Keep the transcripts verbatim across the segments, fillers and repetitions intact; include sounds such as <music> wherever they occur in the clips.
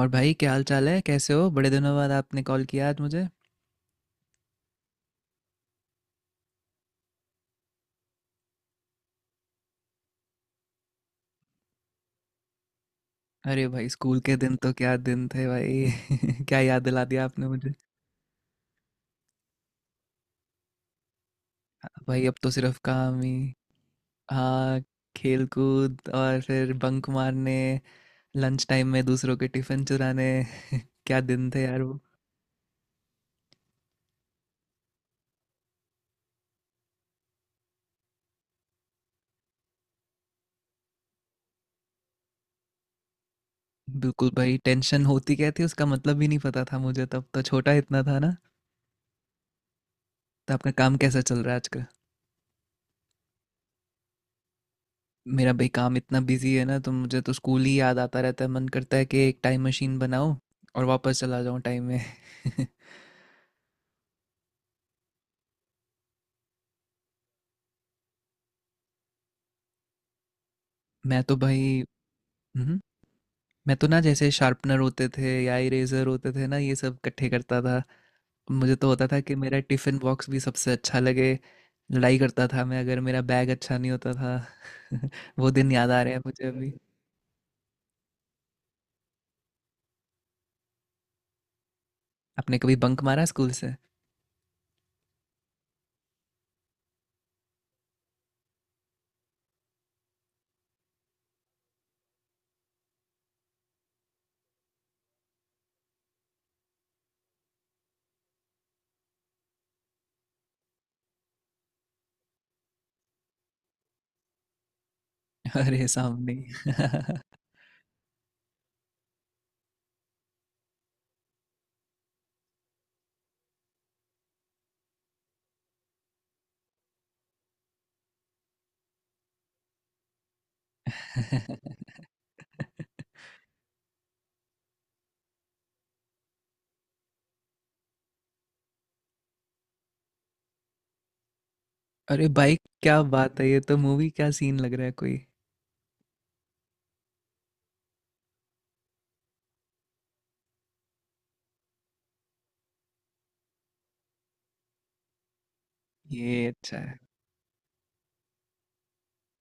और भाई क्या हाल चाल है कैसे हो बड़े दिनों बाद आपने कॉल किया आज मुझे। अरे भाई स्कूल के दिन तो क्या दिन थे भाई <laughs> क्या याद दिला दिया आपने मुझे। भाई अब तो सिर्फ काम ही। हाँ। खेल कूद और फिर बंक मारने लंच टाइम में दूसरों के टिफिन चुराने। <laughs> क्या दिन थे यार वो। बिल्कुल भाई टेंशन होती क्या थी उसका मतलब भी नहीं पता था मुझे तब तो छोटा इतना था ना। तो आपका काम कैसा चल रहा है आजकल। मेरा भाई काम इतना बिजी है ना तो मुझे तो स्कूल ही याद आता रहता है मन करता है कि एक टाइम मशीन बनाओ और वापस चला जाऊं टाइम में। <laughs> मैं तो भाई। हम्म, मैं तो ना जैसे शार्पनर होते थे या इरेजर होते थे ना ये सब इकट्ठे करता था। मुझे तो होता था कि मेरा टिफिन बॉक्स भी सबसे अच्छा लगे। लड़ाई करता था मैं अगर मेरा बैग अच्छा नहीं होता था। <laughs> वो दिन याद आ रहे हैं मुझे अभी। आपने कभी बंक मारा स्कूल से? <laughs> अरे सामने ही। <laughs> अरे भाई क्या बात है ये तो मूवी क्या सीन लग रहा है कोई। ये अच्छा है।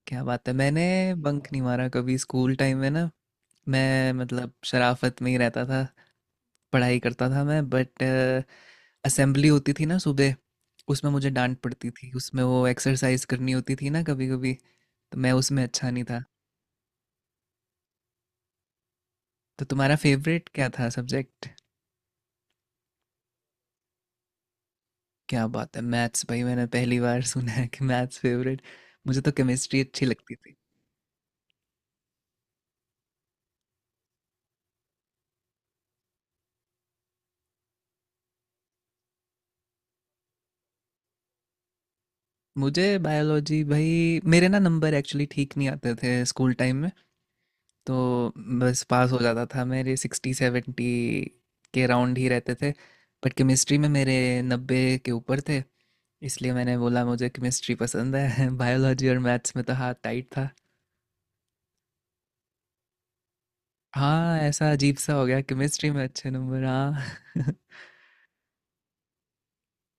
क्या बात है मैंने बंक नहीं मारा कभी स्कूल टाइम में ना। मैं मतलब शराफत में ही रहता था। पढ़ाई करता था मैं बट असेंबली होती थी ना सुबह। उसमें मुझे डांट पड़ती थी उसमें वो एक्सरसाइज करनी होती थी ना कभी कभी। तो मैं उसमें अच्छा नहीं था। तो तुम्हारा फेवरेट क्या था सब्जेक्ट? क्या बात है मैथ्स भाई मैंने पहली बार <laughs> सुना है कि मैथ्स फेवरेट। मुझे तो केमिस्ट्री अच्छी लगती थी। मुझे बायोलॉजी भाई मेरे ना नंबर एक्चुअली ठीक नहीं आते थे स्कूल टाइम। तो बस पास हो जाता था मेरे सिक्सटी सेवेंटी के राउंड ही रहते थे। बट केमिस्ट्री में मेरे नब्बे के ऊपर थे। इसलिए मैंने बोला मुझे केमिस्ट्री पसंद है <laughs> बायोलॉजी और मैथ्स में तो हाथ टाइट था। हाँ ऐसा अजीब सा हो गया केमिस्ट्री में अच्छे नंबर हाँ <laughs>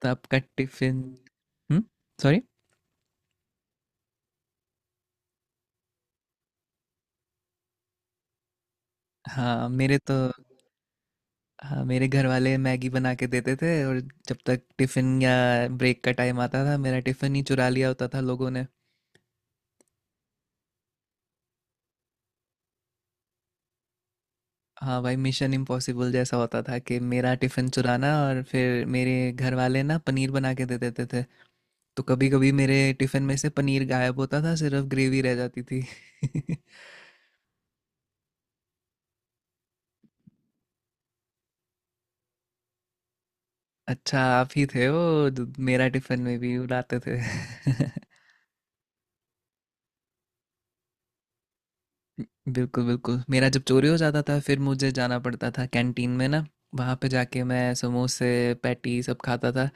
तो आपका टिफिन। हम्म सॉरी। हाँ मेरे तो। हाँ मेरे घर वाले मैगी बना के देते थे और जब तक टिफिन या ब्रेक का टाइम आता था मेरा टिफिन ही चुरा लिया होता था लोगों ने। हाँ भाई मिशन इम्पॉसिबल जैसा होता था कि मेरा टिफ़िन चुराना और फिर मेरे घर वाले ना पनीर बना के दे देते थे। तो कभी कभी मेरे टिफ़िन में से पनीर गायब होता था सिर्फ ग्रेवी रह जाती थी। <laughs> अच्छा आप ही थे वो जो मेरा टिफ़िन में भी उड़ाते थे <laughs> बिल्कुल बिल्कुल मेरा जब चोरी हो जाता था फिर मुझे जाना पड़ता था कैंटीन में ना। वहाँ पे जाके मैं समोसे पैटी सब खाता था।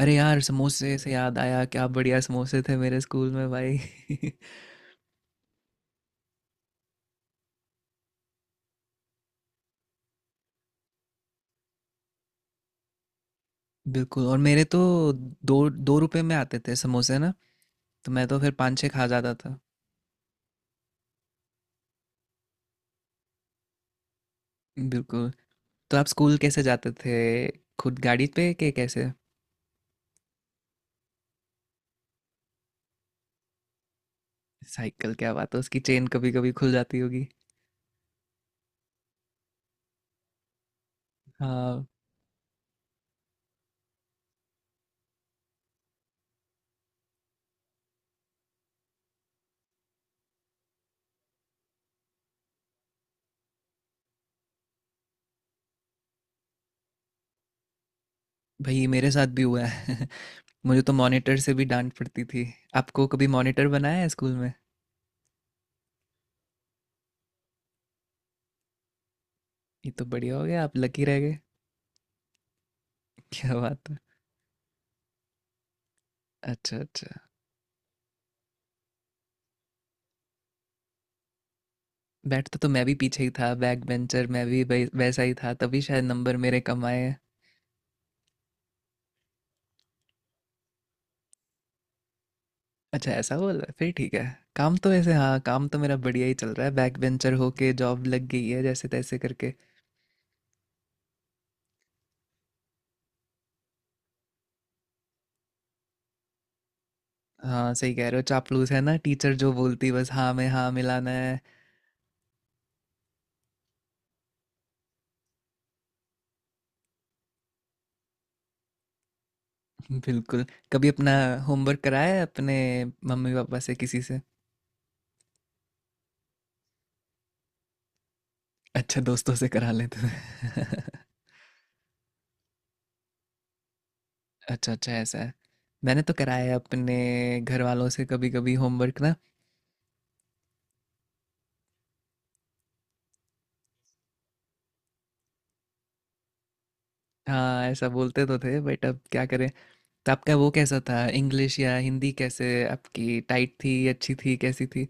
अरे यार समोसे से याद आया क्या बढ़िया समोसे थे मेरे स्कूल में भाई <laughs> बिल्कुल और मेरे तो दो दो रुपए में आते थे समोसे ना। तो मैं तो फिर पाँच छः खा जाता था। बिल्कुल। तो आप स्कूल कैसे जाते थे खुद गाड़ी पे के कैसे? साइकिल क्या बात है उसकी चेन कभी कभी खुल जाती होगी। हाँ भाई मेरे साथ भी हुआ है <laughs> मुझे तो मॉनिटर से भी डांट पड़ती थी। आपको कभी मॉनिटर बनाया है स्कूल में? ये तो बढ़िया हो गया आप लकी रह गए। <laughs> क्या बात है। अच्छा अच्छा बैठता तो मैं भी पीछे ही था बैक बेंचर मैं भी वै- वैसा ही था तभी शायद नंबर मेरे कम आए। अच्छा ऐसा बोल रहा है फिर ठीक है। काम तो वैसे हाँ काम तो मेरा बढ़िया ही चल रहा है बैक बेंचर होके जॉब लग गई है जैसे तैसे करके। हाँ सही कह रहे हो चापलूस है ना टीचर जो बोलती बस हाँ में हाँ मिलाना है। <laughs> बिल्कुल। कभी अपना होमवर्क कराया है अपने मम्मी पापा से किसी से? अच्छा दोस्तों से करा लेते थे। <laughs> अच्छा अच्छा ऐसा है। मैंने तो कराया है अपने घर वालों से कभी कभी होमवर्क ना। हाँ ऐसा बोलते तो थे बट अब क्या करें। तो आपका वो कैसा था इंग्लिश या हिंदी कैसे आपकी टाइट थी अच्छी थी कैसी थी?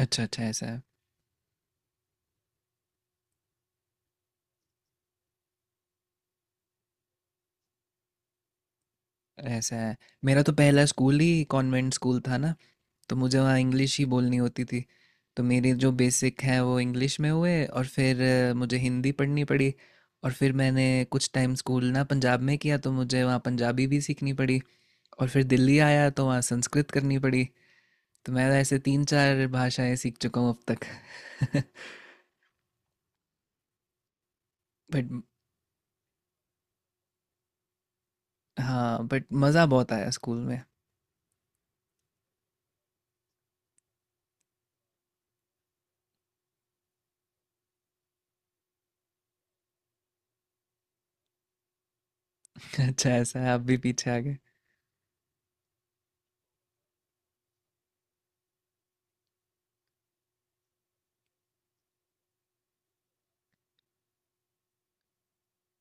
अच्छा अच्छा ऐसा है। ऐसा है मेरा तो पहला स्कूल ही कॉन्वेंट स्कूल था ना। तो मुझे वहाँ इंग्लिश ही बोलनी होती थी। तो मेरे जो बेसिक हैं वो इंग्लिश में हुए और फिर अ, मुझे हिंदी पढ़नी पड़ी। और फिर मैंने कुछ टाइम स्कूल ना पंजाब में किया तो मुझे वहाँ पंजाबी भी सीखनी पड़ी। और फिर दिल्ली आया तो वहाँ संस्कृत करनी पड़ी। तो मैं ऐसे तीन चार भाषाएं सीख चुका हूँ अब तक <laughs> बट हाँ बट मज़ा बहुत आया स्कूल में। <laughs> अच्छा ऐसा है आप भी पीछे आ गए।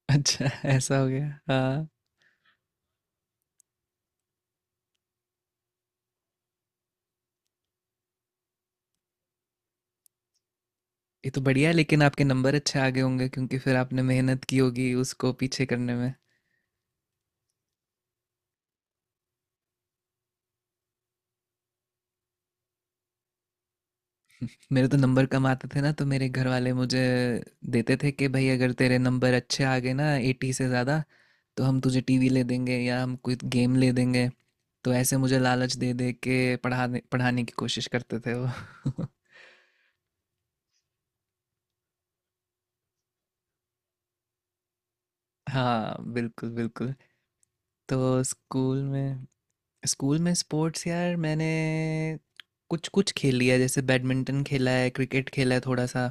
अच्छा ऐसा हो गया हाँ। ये तो बढ़िया है लेकिन आपके नंबर अच्छे आ गए होंगे क्योंकि फिर आपने मेहनत की होगी उसको पीछे करने में। मेरे तो नंबर कम आते थे ना तो मेरे घर वाले मुझे देते थे कि भाई अगर तेरे नंबर अच्छे आ गए ना एटी से ज़्यादा तो हम तुझे टीवी ले देंगे या हम कोई गेम ले देंगे। तो ऐसे मुझे लालच दे दे के पढ़ाने पढ़ाने की कोशिश करते थे वो <laughs> हाँ बिल्कुल बिल्कुल। तो स्कूल में स्कूल में स्पोर्ट्स यार मैंने कुछ कुछ खेल लिया है, जैसे बैडमिंटन खेला है क्रिकेट खेला है थोड़ा सा।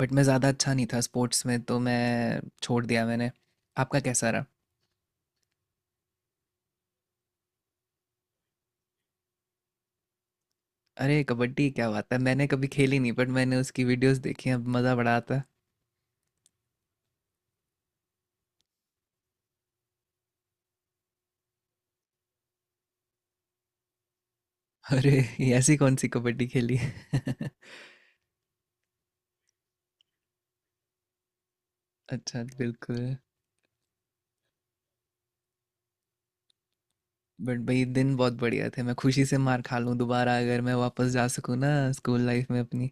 बट मैं ज़्यादा अच्छा नहीं था स्पोर्ट्स में तो मैं छोड़ दिया मैंने। आपका कैसा रहा? अरे कबड्डी क्या बात है मैंने कभी खेली नहीं बट मैंने उसकी वीडियोस देखी हैं अब मज़ा बड़ा आता है। <laughs> अरे ये ऐसी कौन सी कबड्डी खेली <laughs> अच्छा बिल्कुल। बट भाई दिन बहुत बढ़िया थे मैं खुशी से मार खा लूँ दोबारा अगर मैं वापस जा सकूँ ना स्कूल लाइफ में अपनी।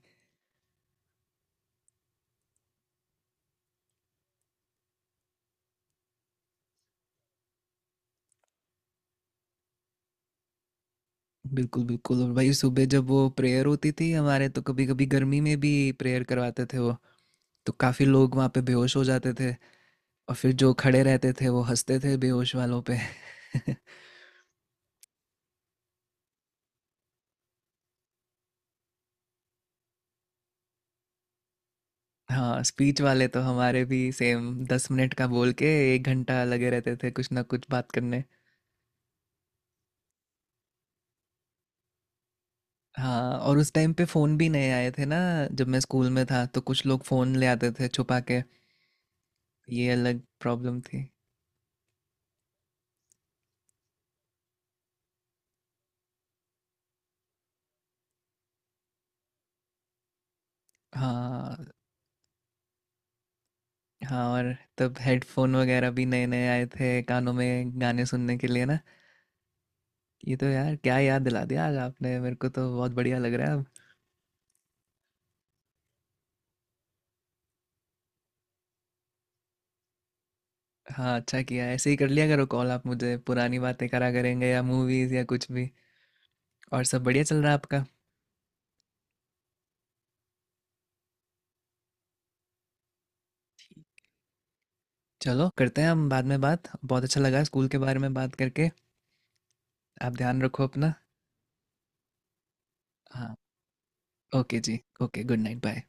बिल्कुल, बिल्कुल और भाई सुबह जब वो प्रेयर होती थी हमारे तो कभी-कभी गर्मी में भी प्रेयर करवाते थे वो, तो काफ़ी लोग वहाँ पे बेहोश हो जाते थे। और फिर जो खड़े रहते थे वो हँसते थे बेहोश वालों पे। <laughs> हाँ, स्पीच वाले तो हमारे भी सेम दस मिनट का बोल के एक घंटा लगे रहते थे कुछ ना कुछ बात करने। हाँ, और उस टाइम पे फ़ोन भी नए आए थे ना जब मैं स्कूल में था तो कुछ लोग फ़ोन ले आते थे छुपा के, ये अलग प्रॉब्लम थी। हाँ, हाँ और तब हेडफोन वगैरह भी नए नए आए थे कानों में गाने सुनने के लिए ना। ये तो यार क्या याद दिला दिया आज आपने मेरे को तो बहुत बढ़िया लग रहा है अब। हाँ अच्छा किया ऐसे ही कर लिया करो कॉल आप मुझे पुरानी बातें करा करेंगे या मूवीज या कुछ भी। और सब बढ़िया चल रहा है आपका? चलो करते हैं हम बाद में बात बहुत अच्छा लगा स्कूल के बारे में बात करके। आप ध्यान रखो अपना। हाँ ओके जी ओके गुड नाइट बाय।